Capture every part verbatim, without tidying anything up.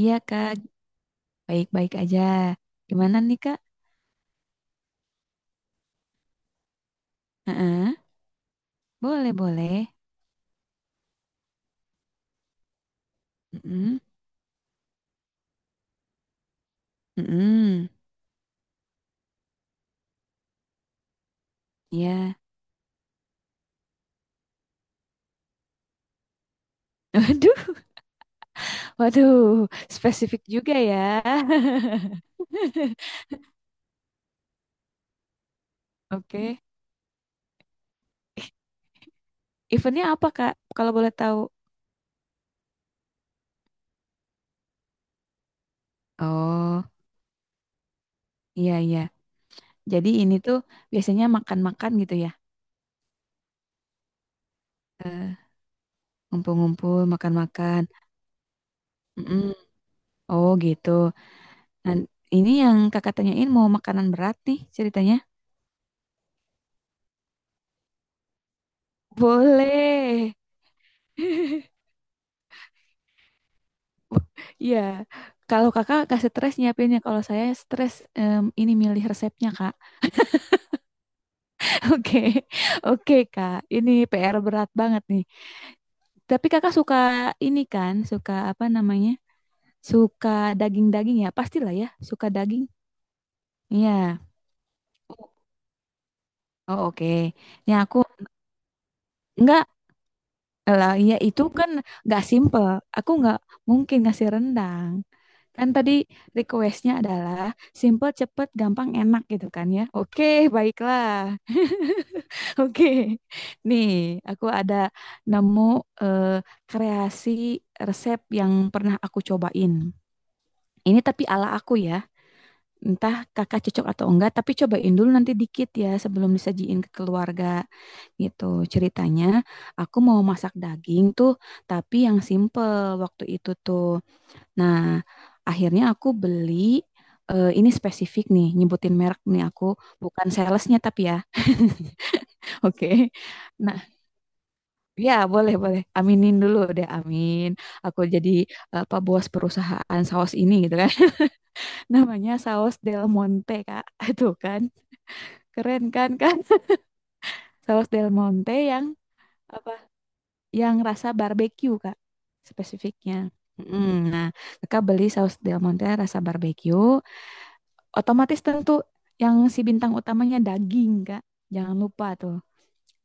Iya kak, baik-baik aja. Gimana nih kak? Heeh, boleh boleh. Mm-mm, mm-mm, Iya. Waduh, waduh, spesifik juga ya. Oke, eventnya apa kak? Kalau boleh tahu? Oh, iya iya. Jadi ini tuh biasanya makan-makan gitu ya? Eh, Ngumpul-ngumpul, makan-makan. Mm-mm. Oh gitu. Nah, ini yang kakak tanyain mau makanan berat nih ceritanya? Boleh. Iya, kalau kakak gak stres nyiapinnya, kalau saya stres em, ini milih resepnya kak. Oke, oke kak, ini P R berat banget nih. Tapi kakak suka ini kan, suka apa namanya? Suka daging-daging ya, pastilah ya, suka daging. Iya. Oh oke. Ya aku nggak lah, ya itu kan nggak simple. Aku nggak mungkin ngasih rendang. Kan tadi requestnya adalah simple, cepet, gampang, enak gitu kan ya. Oke, baiklah. Oke, nih, aku ada nemu eh, kreasi resep yang pernah aku cobain. Ini tapi ala aku ya, entah kakak cocok atau enggak, tapi cobain dulu nanti dikit ya sebelum disajiin ke keluarga gitu. Ceritanya, aku mau masak daging tuh, tapi yang simple waktu itu tuh. Nah, akhirnya aku beli, eh, ini spesifik nih, nyebutin merek nih aku, bukan salesnya tapi ya. Oke. Nah, ya, boleh, boleh. Aminin dulu deh, amin. Aku jadi apa bos perusahaan saus ini gitu kan. Namanya saus Del Monte, Kak. Itu kan. Keren kan, Kak? Saus Del Monte yang apa? Yang rasa barbecue, Kak. Spesifiknya. Mm, nah, kakak beli saus Del Monte rasa barbecue, otomatis tentu yang si bintang utamanya daging, Kak. Jangan lupa tuh.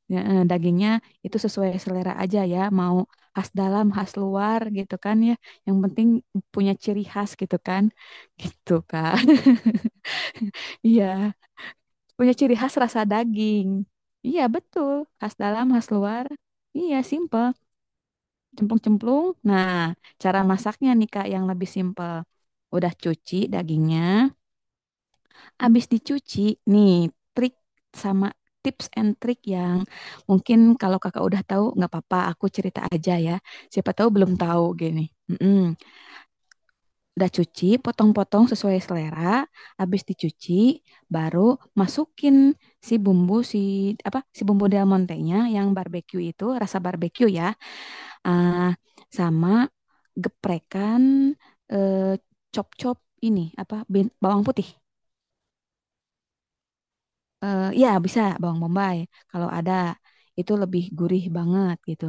Ya, eh, dagingnya itu sesuai selera aja ya, mau khas dalam, khas luar gitu kan ya. Yang penting punya ciri khas gitu kan. Gitu kan. Iya, punya ciri khas rasa daging. Iya, betul. Khas dalam, khas luar. Iya, simple. Cemplung-cemplung. Nah, cara masaknya nih Kak yang lebih simple. Udah cuci dagingnya, abis dicuci, nih trik sama tips and trick yang mungkin kalau kakak udah tahu nggak apa-apa, aku cerita aja ya. Siapa tahu belum tahu gini. Mm-mm. Udah cuci, potong-potong sesuai selera. Abis dicuci, baru masukin si bumbu si apa si bumbu Del Monte-nya yang barbecue itu rasa barbecue ya, ah, sama geprekan eh, chop-chop ini apa bin- bawang putih. Eh, ya bisa bawang bombay kalau ada itu lebih gurih banget gitu.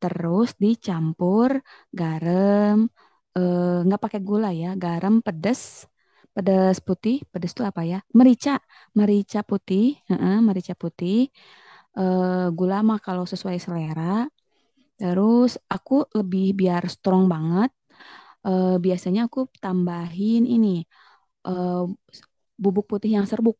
Terus dicampur garam, eh, nggak pakai gula ya, garam pedas, pedas putih, pedas itu apa ya? Merica, merica putih, heeh, merica putih, eh, gula mah kalau sesuai selera. Terus aku lebih biar strong banget, eh, biasanya aku tambahin ini eh, bubuk putih yang serbuk.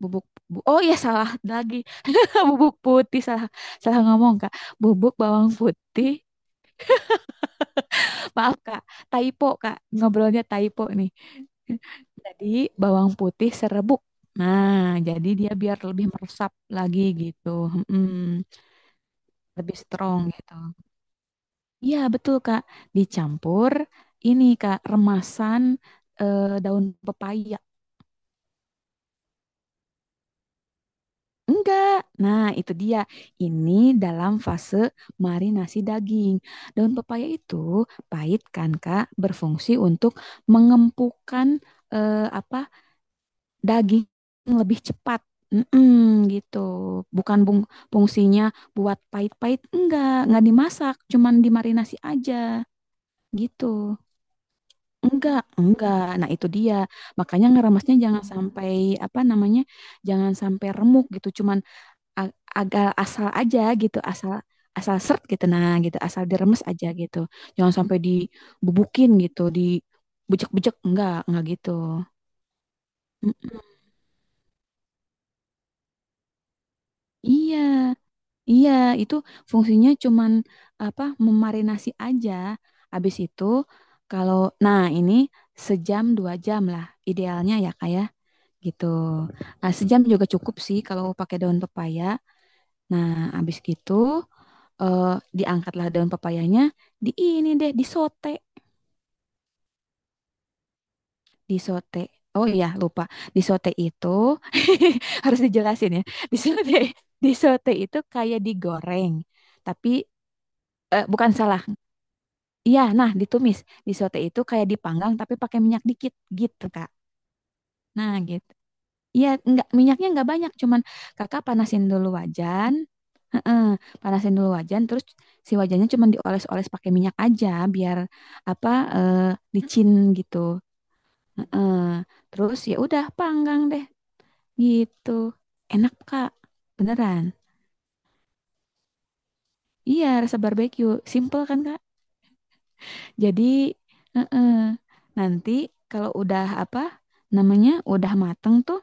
bubuk bu- oh iya salah lagi. Bubuk putih salah salah ngomong kak, bubuk bawang putih. Maaf kak, typo kak, ngobrolnya typo nih. Jadi bawang putih serebuk. Nah, jadi dia biar lebih meresap lagi gitu. Mm-mm. Lebih strong gitu, iya betul kak. Dicampur ini kak remasan eh, daun pepaya. Enggak. Nah, itu dia. Ini dalam fase marinasi daging. Daun pepaya itu pahit kan, Kak, berfungsi untuk mengempukkan eh, apa daging lebih cepat. Mm-mm, gitu. Bukan bung fungsinya buat pahit-pahit. Enggak, enggak dimasak, cuman dimarinasi aja gitu. Enggak, enggak. Nah, itu dia. Makanya ngeremasnya jangan sampai apa namanya? Jangan sampai remuk gitu. Cuman a- agak asal aja gitu, asal asal seret gitu nah gitu, asal diremes aja gitu. Jangan sampai dibubukin gitu, dibejek-bejek enggak, enggak gitu. Mm, iya, iya itu fungsinya cuman apa memarinasi aja. Habis itu kalau nah ini sejam dua jam lah idealnya ya kayak gitu. Nah, sejam juga cukup sih kalau pakai daun pepaya. Nah, abis gitu eh, diangkatlah daun papayanya, di ini deh, disote, disote. Oh iya, lupa. Disote itu harus dijelasin ya. Disote, disote itu kayak digoreng, tapi eh, bukan salah. Iya, nah ditumis. Disote itu kayak dipanggang tapi pakai minyak dikit gitu, Kak. Nah, gitu. Iya, nggak minyaknya nggak banyak, cuman kakak panasin dulu wajan. Heeh, panasin dulu wajan, terus si wajannya cuman dioles-oles pakai minyak aja biar apa eh, licin gitu. Heeh. Terus ya udah panggang deh gitu. Enak Kak, beneran. Iya, rasa barbeque. Simple kan Kak? Jadi heeh, nanti kalau udah apa namanya udah mateng tuh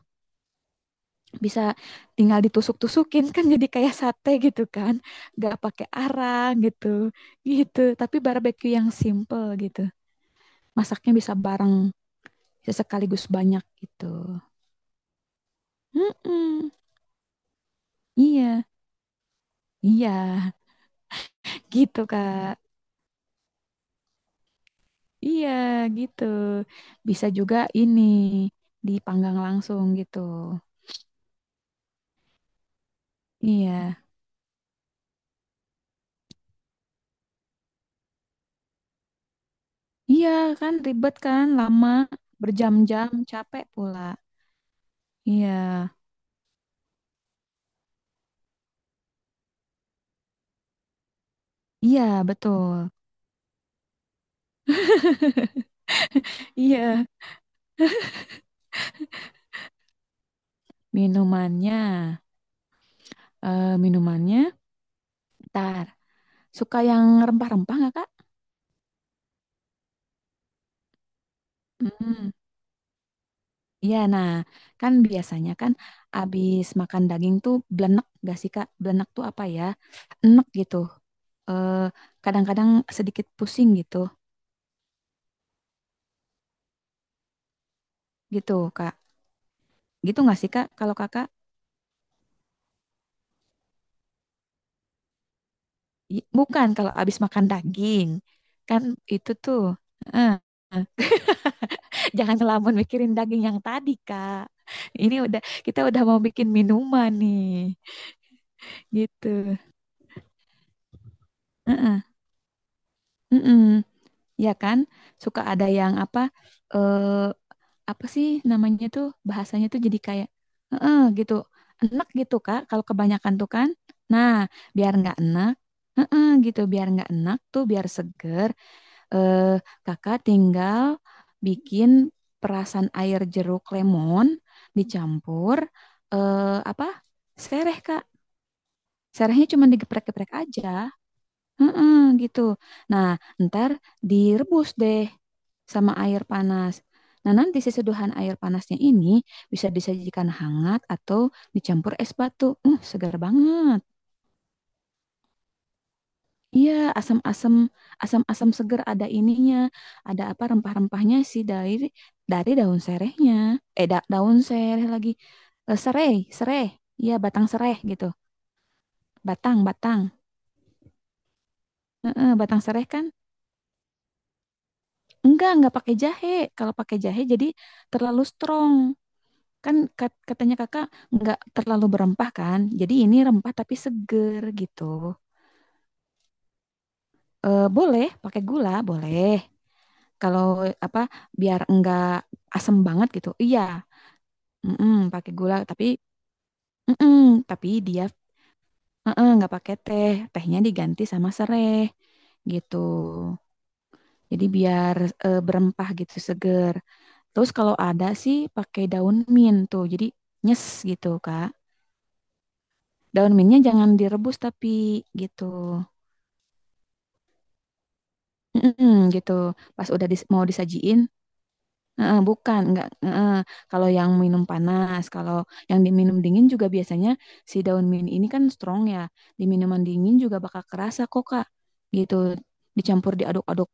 bisa tinggal ditusuk-tusukin kan jadi kayak sate gitu kan nggak pakai arang gitu, gitu tapi barbeque yang simple gitu, masaknya bisa bareng bisa sekaligus banyak gitu. Mm-mm. Iya, iya, gitu kak, iya gitu. Bisa juga ini dipanggang langsung gitu, iya iya. Kan ribet kan lama berjam-jam capek pula. Iya iya betul iya. Minumannya, eh minumannya, tar. Suka yang rempah-rempah nggak, Kak? Hmm, iya. Nah, kan biasanya kan abis makan daging tuh blenek gak sih, Kak? Blenek tuh apa ya? Enek gitu. Eh, kadang-kadang sedikit pusing gitu, gitu, Kak. Gitu nggak sih, Kak? Kalau Kakak, I- bukan kalau abis makan daging, kan itu tuh. Eh, jangan ngelamun mikirin daging yang tadi, Kak. Ini udah kita udah mau bikin minuman nih. Gitu. Heeh, heeh. Ya kan, suka ada yang apa, eh, apa sih namanya tuh bahasanya tuh jadi kayak, heeh gitu, enak gitu Kak. Kalau kebanyakan tuh kan, nah biar nggak enak, heeh gitu, biar nggak enak tuh, biar seger. Eh, kakak tinggal bikin perasan air jeruk lemon dicampur, eh, apa, sereh Kak. Serehnya cuma digeprek-geprek aja. Heeh, gitu. Nah, ntar direbus deh sama air panas. Nah, nanti si seduhan air panasnya ini bisa disajikan hangat atau dicampur es batu. Uh, segar banget. Iya, asam-asam, asam-asam segar ada ininya. Ada apa rempah-rempahnya sih dari dari daun serehnya. Eh, da- daun sereh lagi. Eh, serai, serai. Iya, batang serai gitu. Batang, batang. Heeh, batang serai kan Enggak, enggak pakai jahe. Kalau pakai jahe jadi terlalu strong. Kan kat- katanya kakak enggak terlalu berempah kan. Jadi ini rempah tapi seger gitu. Eh, boleh pakai gula, boleh. Kalau apa biar enggak asem banget gitu. Iya, mm-mm, pakai gula tapi mm-mm, tapi dia mm-mm, enggak pakai teh. Tehnya diganti sama sereh gitu. Jadi biar eh, berempah gitu seger. Terus kalau ada sih pakai daun mint tuh. Jadi nyes gitu, Kak. Daun mintnya jangan direbus tapi gitu. Mm-mm, gitu. Pas udah dis- mau disajiin, eh, bukan, enggak. eh, Kalau yang minum panas, kalau yang diminum dingin juga biasanya si daun mint ini kan strong ya. Di minuman dingin juga bakal kerasa kok, Kak. Gitu. Dicampur diaduk-aduk.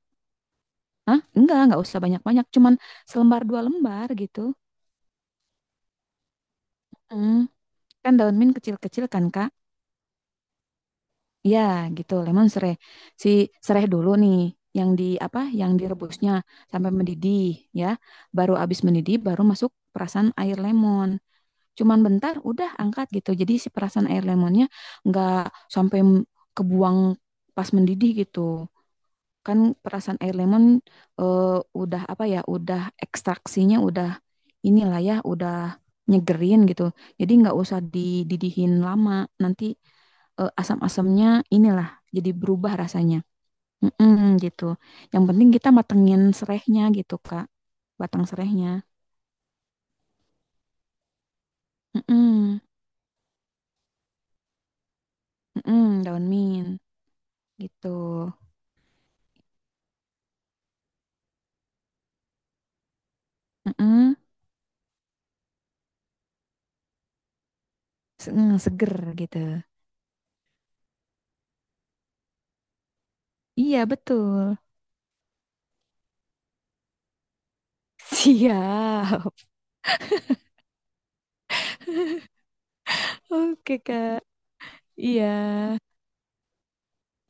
Hah? Enggak, enggak usah banyak-banyak. Cuman selembar dua lembar gitu. Mm. Kan daun mint kecil-kecil kan, Kak. Iya, gitu. Lemon sereh. Si sereh dulu nih yang di apa? Yang direbusnya sampai mendidih ya. Baru habis mendidih baru masuk perasan air lemon. Cuman bentar udah angkat gitu. Jadi si perasan air lemonnya nggak sampai m- kebuang pas mendidih gitu. Kan perasan air lemon eh, udah apa ya? Udah ekstraksinya udah inilah ya udah nyegerin gitu. Jadi nggak usah dididihin lama. Nanti eh, asam-asamnya inilah jadi berubah rasanya. Mm-mm, gitu. Yang penting kita matengin serehnya gitu, Kak. Batang serehnya. Mm-mm, mm-mm, daun mint gitu. Mm-mm, se- mm, seger gitu. Iya, betul. Siap. Oke, Kak. Iya.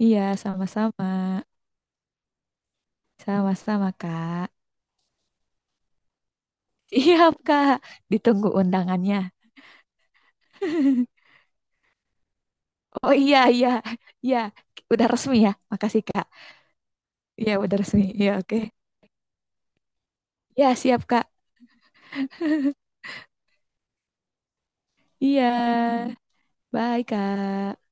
Iya, sama-sama. Sama-sama, Kak. Siap, Kak. Ditunggu undangannya. Oh iya, iya, iya. Udah resmi ya. Makasih, Kak. Iya, udah resmi. Iya, oke. Ya, siap, Kak. Iya. Bye, Kak.